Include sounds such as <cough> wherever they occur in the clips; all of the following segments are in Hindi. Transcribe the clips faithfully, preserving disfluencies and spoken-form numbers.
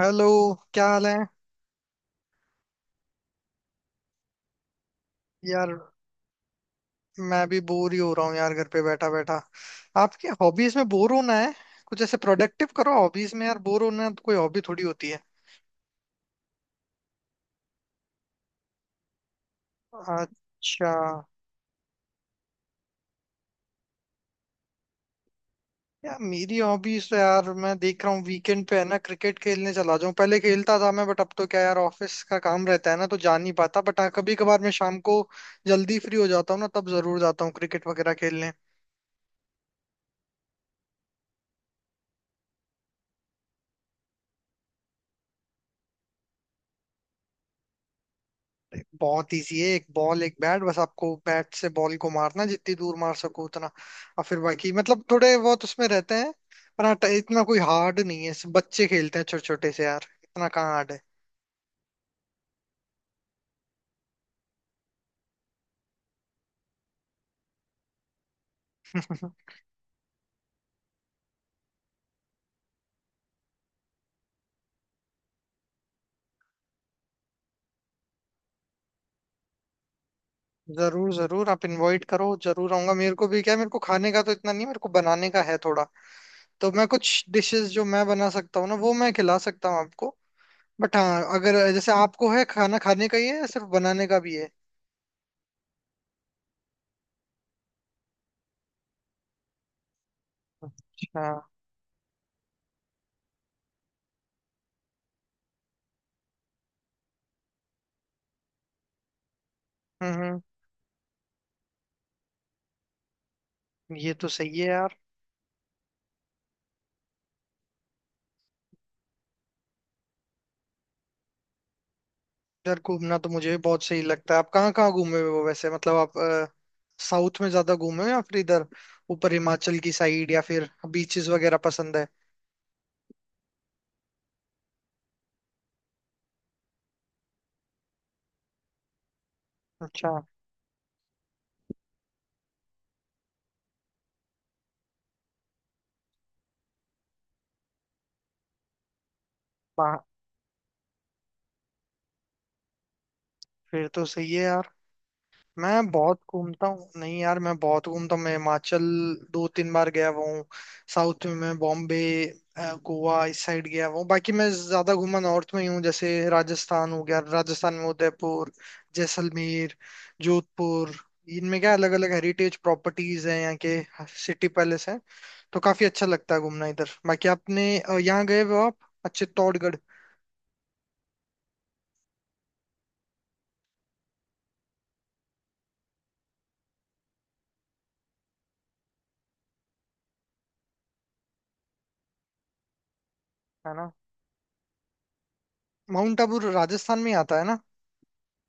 हेलो। क्या हाल है? यार मैं भी बोर ही हो रहा हूँ यार, घर पे बैठा बैठा। आपके हॉबीज में बोर होना है? कुछ ऐसे प्रोडक्टिव करो हॉबीज में, यार बोर होना तो कोई हॉबी थोड़ी होती है। अच्छा। यार मेरी हॉबीज तो, यार मैं देख रहा हूँ वीकेंड पे है ना क्रिकेट खेलने चला जाऊँ, पहले खेलता था मैं बट अब तो क्या यार ऑफिस का काम रहता है ना तो जा नहीं पाता, बट हाँ कभी कभार मैं शाम को जल्दी फ्री हो जाता हूँ ना तब जरूर जाता हूँ क्रिकेट वगैरह खेलने। बहुत इजी है, एक बॉल एक बैट, बस आपको बैट से बॉल को मारना जितनी दूर मार सको उतना, और फिर बाकी मतलब थोड़े बहुत उसमें रहते हैं। पर हाँ, इतना कोई हार्ड नहीं है, सब बच्चे खेलते हैं छोटे छोटे से यार, इतना कहाँ हार्ड है। <laughs> जरूर जरूर, आप इनवाइट करो जरूर आऊंगा। मेरे को भी क्या है, मेरे को खाने का तो इतना नहीं, मेरे को बनाने का है थोड़ा। तो मैं कुछ डिशेस जो मैं बना सकता हूँ ना वो मैं खिला सकता हूँ आपको। बट हाँ, अगर जैसे आपको है खाना खाने का ही है या सिर्फ बनाने का भी है? अच्छा। हम्म हम्म, ये तो सही है यार। इधर घूमना तो मुझे भी बहुत सही लगता है। आप कहाँ कहाँ घूमे हुए हो वैसे, मतलब आप साउथ में ज्यादा घूमे हो या फिर इधर ऊपर हिमाचल की साइड, या फिर बीचेस वगैरह पसंद है? अच्छा। वाह, फिर तो सही है यार। मैं बहुत घूमता हूँ, नहीं यार मैं बहुत घूमता हूँ। मैं हिमाचल दो तीन बार गया हुआ हूँ। साउथ में मैं बॉम्बे, अ, गोवा इस साइड गया हुआ हूँ, बाकी मैं ज्यादा घूमा नॉर्थ में ही हूँ। जैसे राजस्थान हो गया, राजस्थान में उदयपुर, जैसलमेर, जोधपुर, इनमें क्या अलग अलग हेरिटेज प्रॉपर्टीज हैं यहाँ के, सिटी पैलेस हैं, तो काफी अच्छा लगता है घूमना इधर। बाकी आपने अ, यहाँ गए हो आप, अच्छे, चित्तौड़गढ़? है ना। माउंट आबू राजस्थान में ही आता है ना,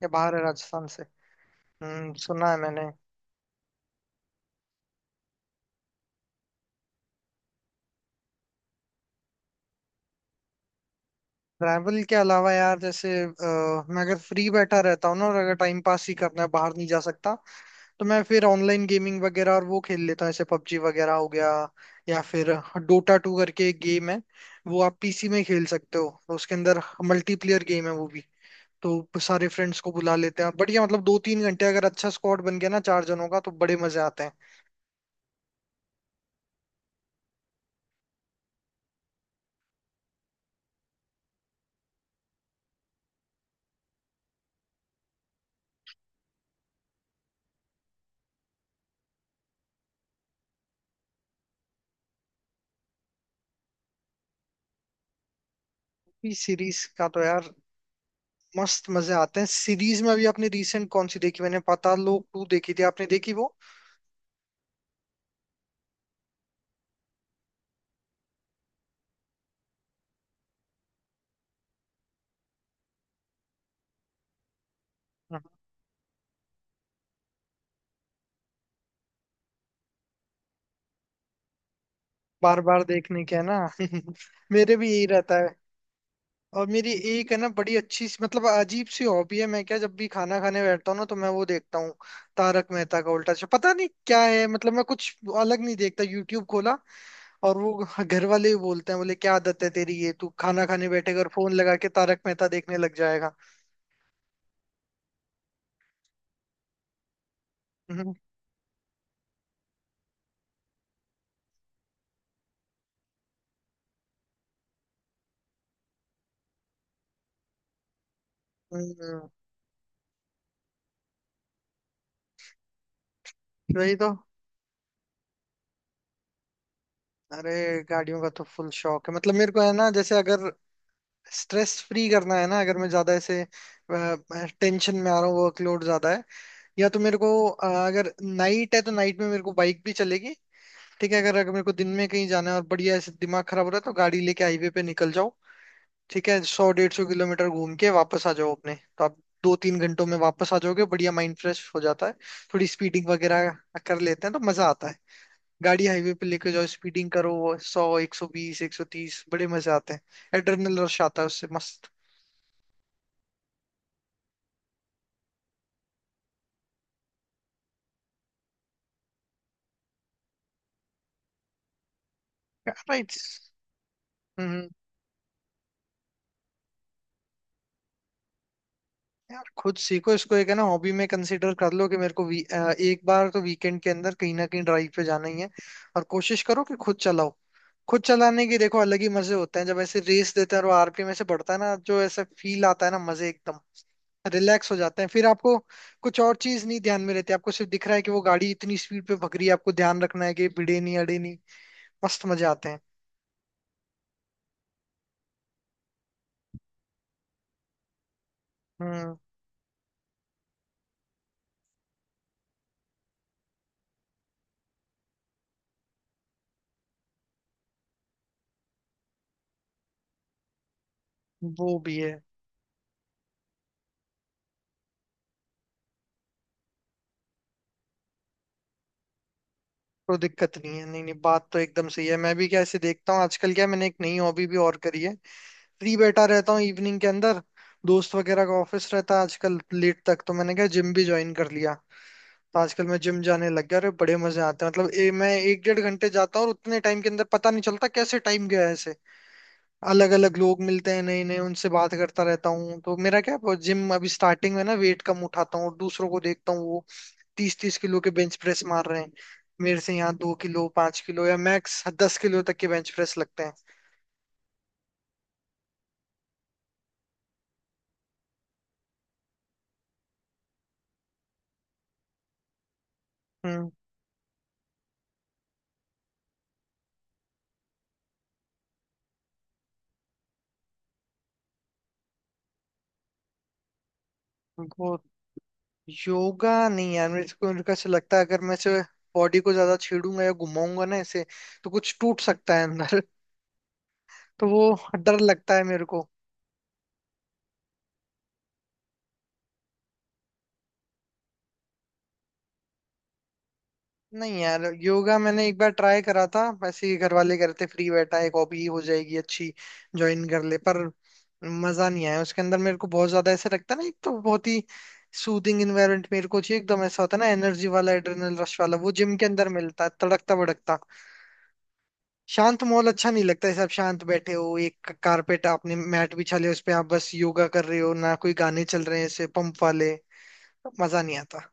या बाहर है राजस्थान से? हम्म, सुना है मैंने। ट्रैवल के अलावा यार जैसे, अ, मैं अगर फ्री बैठा रहता हूँ ना और अगर टाइम पास ही करना है, बाहर नहीं जा सकता, तो मैं फिर ऑनलाइन गेमिंग वगैरह और वो खेल लेता हूँ, जैसे पबजी वगैरह हो गया, या फिर डोटा टू करके एक गेम है, वो आप पीसी में खेल सकते हो, तो उसके अंदर मल्टीप्लेयर गेम है वो भी, तो सारे फ्रेंड्स को बुला लेते हैं। बढ़िया, मतलब दो तीन घंटे अगर अच्छा स्क्वाड बन गया ना चार जनों का, तो बड़े मजे आते हैं। पी सीरीज का तो यार मस्त मजे आते हैं सीरीज में। अभी आपने रिसेंट कौन सी देखी? मैंने पाताल लोक टू देखी थी, आपने देखी वो? बार बार देखने के, है ना। <laughs> मेरे भी यही रहता है। और मेरी एक है ना बड़ी अच्छी सी, मतलब अजीब सी हॉबी है, मैं क्या जब भी खाना खाने बैठता हूँ ना तो मैं वो देखता हूँ, तारक मेहता का उल्टा चश्मा। पता नहीं क्या है, मतलब मैं कुछ अलग नहीं देखता, यूट्यूब खोला और वो, <laughs> घर वाले ही बोलते हैं, बोले क्या आदत है तेरी ये, तू खाना खाने बैठेगा और फोन लगा के तारक मेहता देखने लग जाएगा। <laughs> हम्म, हम्म, हम्म। वही तो। अरे गाड़ियों का तो फुल शौक है, मतलब मेरे को है ना। जैसे अगर स्ट्रेस फ्री करना है ना, अगर मैं ज्यादा ऐसे टेंशन में आ रहा हूँ, वर्कलोड ज्यादा है, या तो मेरे को अ, अगर नाइट है तो नाइट में मेरे को बाइक भी चलेगी ठीक है, अगर अगर मेरे को दिन में कहीं जाना है और बढ़िया ऐसे दिमाग खराब हो रहा है, तो गाड़ी लेके हाईवे पे निकल जाओ ठीक है, सौ डेढ़ सौ किलोमीटर घूम के वापस आ जाओ अपने। तो आप दो तीन घंटों में वापस आ जाओगे, बढ़िया माइंड फ्रेश हो जाता है। थोड़ी स्पीडिंग वगैरह कर लेते हैं तो मजा आता है, गाड़ी हाईवे पे लेके जाओ, स्पीडिंग करो, सौ, एक सौ बीस, एक सौ तीस, बड़े मजे आते हैं, एड्रेनल रश आता है उससे, मस्त। यार इट्स, हम्म। यार खुद सीखो इसको, एक है ना हॉबी में कंसीडर कर लो कि मेरे को वी, अ, एक बार तो वीकेंड के अंदर कहीं ना कहीं ड्राइव पे जाना ही है, और कोशिश करो कि खुद चलाओ। खुद चलाने के देखो अलग ही मजे होते हैं, जब ऐसे रेस देते हैं और वो आरपीएम ऐसे बढ़ता है ना, जो ऐसा फील आता है ना मजे एकदम, रिलैक्स हो जाते हैं फिर आपको। कुछ और चीज नहीं ध्यान में रहती आपको, सिर्फ दिख रहा है कि वो गाड़ी इतनी स्पीड पे भग रही है, आपको ध्यान रखना है कि भिड़े नहीं अड़े नहीं, मस्त मजे आते हैं। हम्म, वो भी है। कोई दिक्कत नहीं है, नहीं नहीं बात तो एकदम सही है। मैं भी क्या ऐसे देखता हूँ आजकल, क्या मैंने एक नई हॉबी भी और करी है। फ्री बैठा रहता हूँ इवनिंग के अंदर, दोस्त वगैरह का ऑफिस रहता है आजकल लेट तक, तो मैंने क्या जिम भी ज्वाइन कर लिया, तो आजकल मैं जिम जाने लग गया और बड़े मजे आते हैं। मतलब ए, मैं एक डेढ़ घंटे जाता हूँ और उतने टाइम के अंदर पता नहीं चलता कैसे टाइम गया है ऐसे। अलग अलग लोग मिलते हैं नए नए, उनसे बात करता रहता हूँ। तो मेरा क्या जिम अभी स्टार्टिंग में ना वेट कम उठाता हूँ और दूसरों को देखता हूँ, वो तीस तीस किलो के बेंच प्रेस मार रहे हैं, मेरे से यहाँ दो किलो पांच किलो या मैक्स दस किलो तक के बेंच प्रेस लगते हैं। हम्म, वो योगा नहीं यार। मेरे को, मेरे को ऐसा लगता है अगर मैं इसे बॉडी को ज्यादा छेड़ूंगा या घुमाऊंगा ना इसे, तो कुछ टूट सकता है अंदर। <laughs> तो वो डर लगता है मेरे को। नहीं यार योगा मैंने एक बार ट्राई करा था, ऐसे ही घर वाले करते, फ्री बैठा है, एक हॉबी हो जाएगी अच्छी, ज्वाइन कर ले, पर मजा नहीं आया उसके अंदर। मेरे को बहुत ज्यादा ऐसे लगता है ना, एक तो बहुत ही सूदिंग इन्वायरमेंट मेरे को चाहिए एकदम, ऐसा होता है ना एनर्जी वाला, एड्रेनल रश वाला, वो जिम के अंदर मिलता है, तड़कता भड़कता। शांत माहौल अच्छा नहीं लगता, ऐसे आप शांत बैठे हो, एक कारपेट आपने मैट बिछा लिया उस पे, आप बस योगा कर रहे हो ना, कोई गाने चल रहे हैं ऐसे पंप वाले, मजा नहीं आता।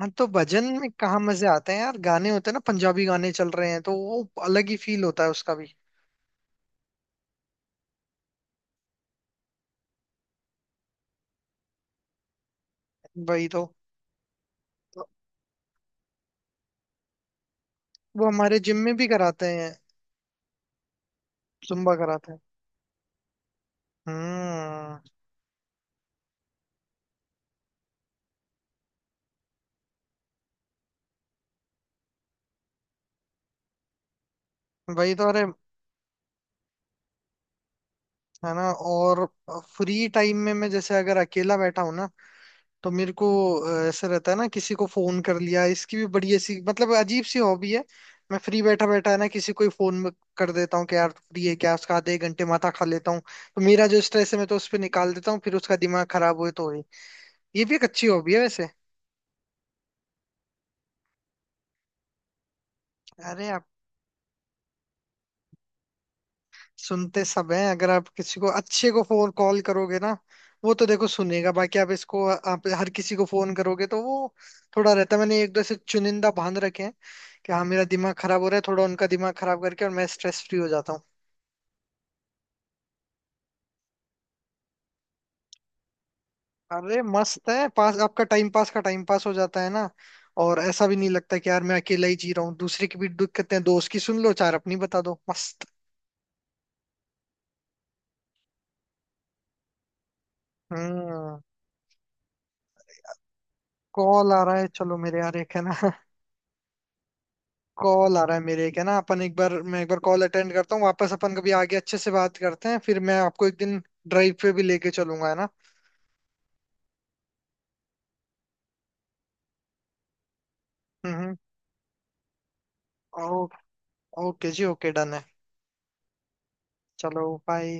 हाँ तो भजन में कहाँ मजे आते हैं यार, गाने होते हैं ना पंजाबी, गाने चल रहे हैं तो वो अलग ही फील होता है उसका भी। वही तो, तो वो हमारे जिम में भी कराते हैं, जुम्बा कराते हैं। हम्म, वही तो। अरे है ना। और फ्री टाइम में मैं, जैसे अगर अकेला बैठा हूं ना, तो मेरे को अ, ऐसा रहता है ना किसी को फोन कर लिया, इसकी भी बड़ी ऐसी मतलब अजीब सी हॉबी है। मैं फ्री बैठा बैठा है ना किसी को ही फोन कर देता हूँ कि यार तू फ्री है क्या, उसका आधे एक घंटे माथा खा लेता हूँ, तो मेरा जो स्ट्रेस है मैं तो उस पर निकाल देता हूँ, फिर उसका दिमाग खराब हुए तो हुए। ये भी एक अच्छी हॉबी है वैसे। अरे सुनते सब हैं, अगर आप किसी को अच्छे को फोन कॉल करोगे ना वो तो देखो सुनेगा। बाकी आप इसको, आप हर किसी को फोन करोगे तो वो थोड़ा रहता है, मैंने एक दो से चुनिंदा बांध रखे हैं कि हाँ मेरा दिमाग खराब हो रहा है, थोड़ा उनका दिमाग खराब करके और मैं स्ट्रेस फ्री हो जाता हूँ। अरे मस्त है पास आपका, टाइम पास का टाइम पास हो जाता है ना। और ऐसा भी नहीं लगता कि यार मैं अकेला ही जी रहा हूँ, दूसरे की भी दिक्कतें हैं, दोस्त की सुन लो, चार अपनी बता दो, मस्त। हम्म। कॉल आ रहा है चलो मेरे, यार एक है ना। <laughs> कॉल आ रहा है मेरे, एक है ना अपन, एक बार, मैं एक बार कॉल अटेंड करता हूँ वापस, अपन कभी आगे अच्छे से बात करते हैं, फिर मैं आपको एक दिन ड्राइव पे भी लेके चलूंगा है ना। हम्म हम्म। ओ, ओके जी, ओके, डन है। चलो बाय।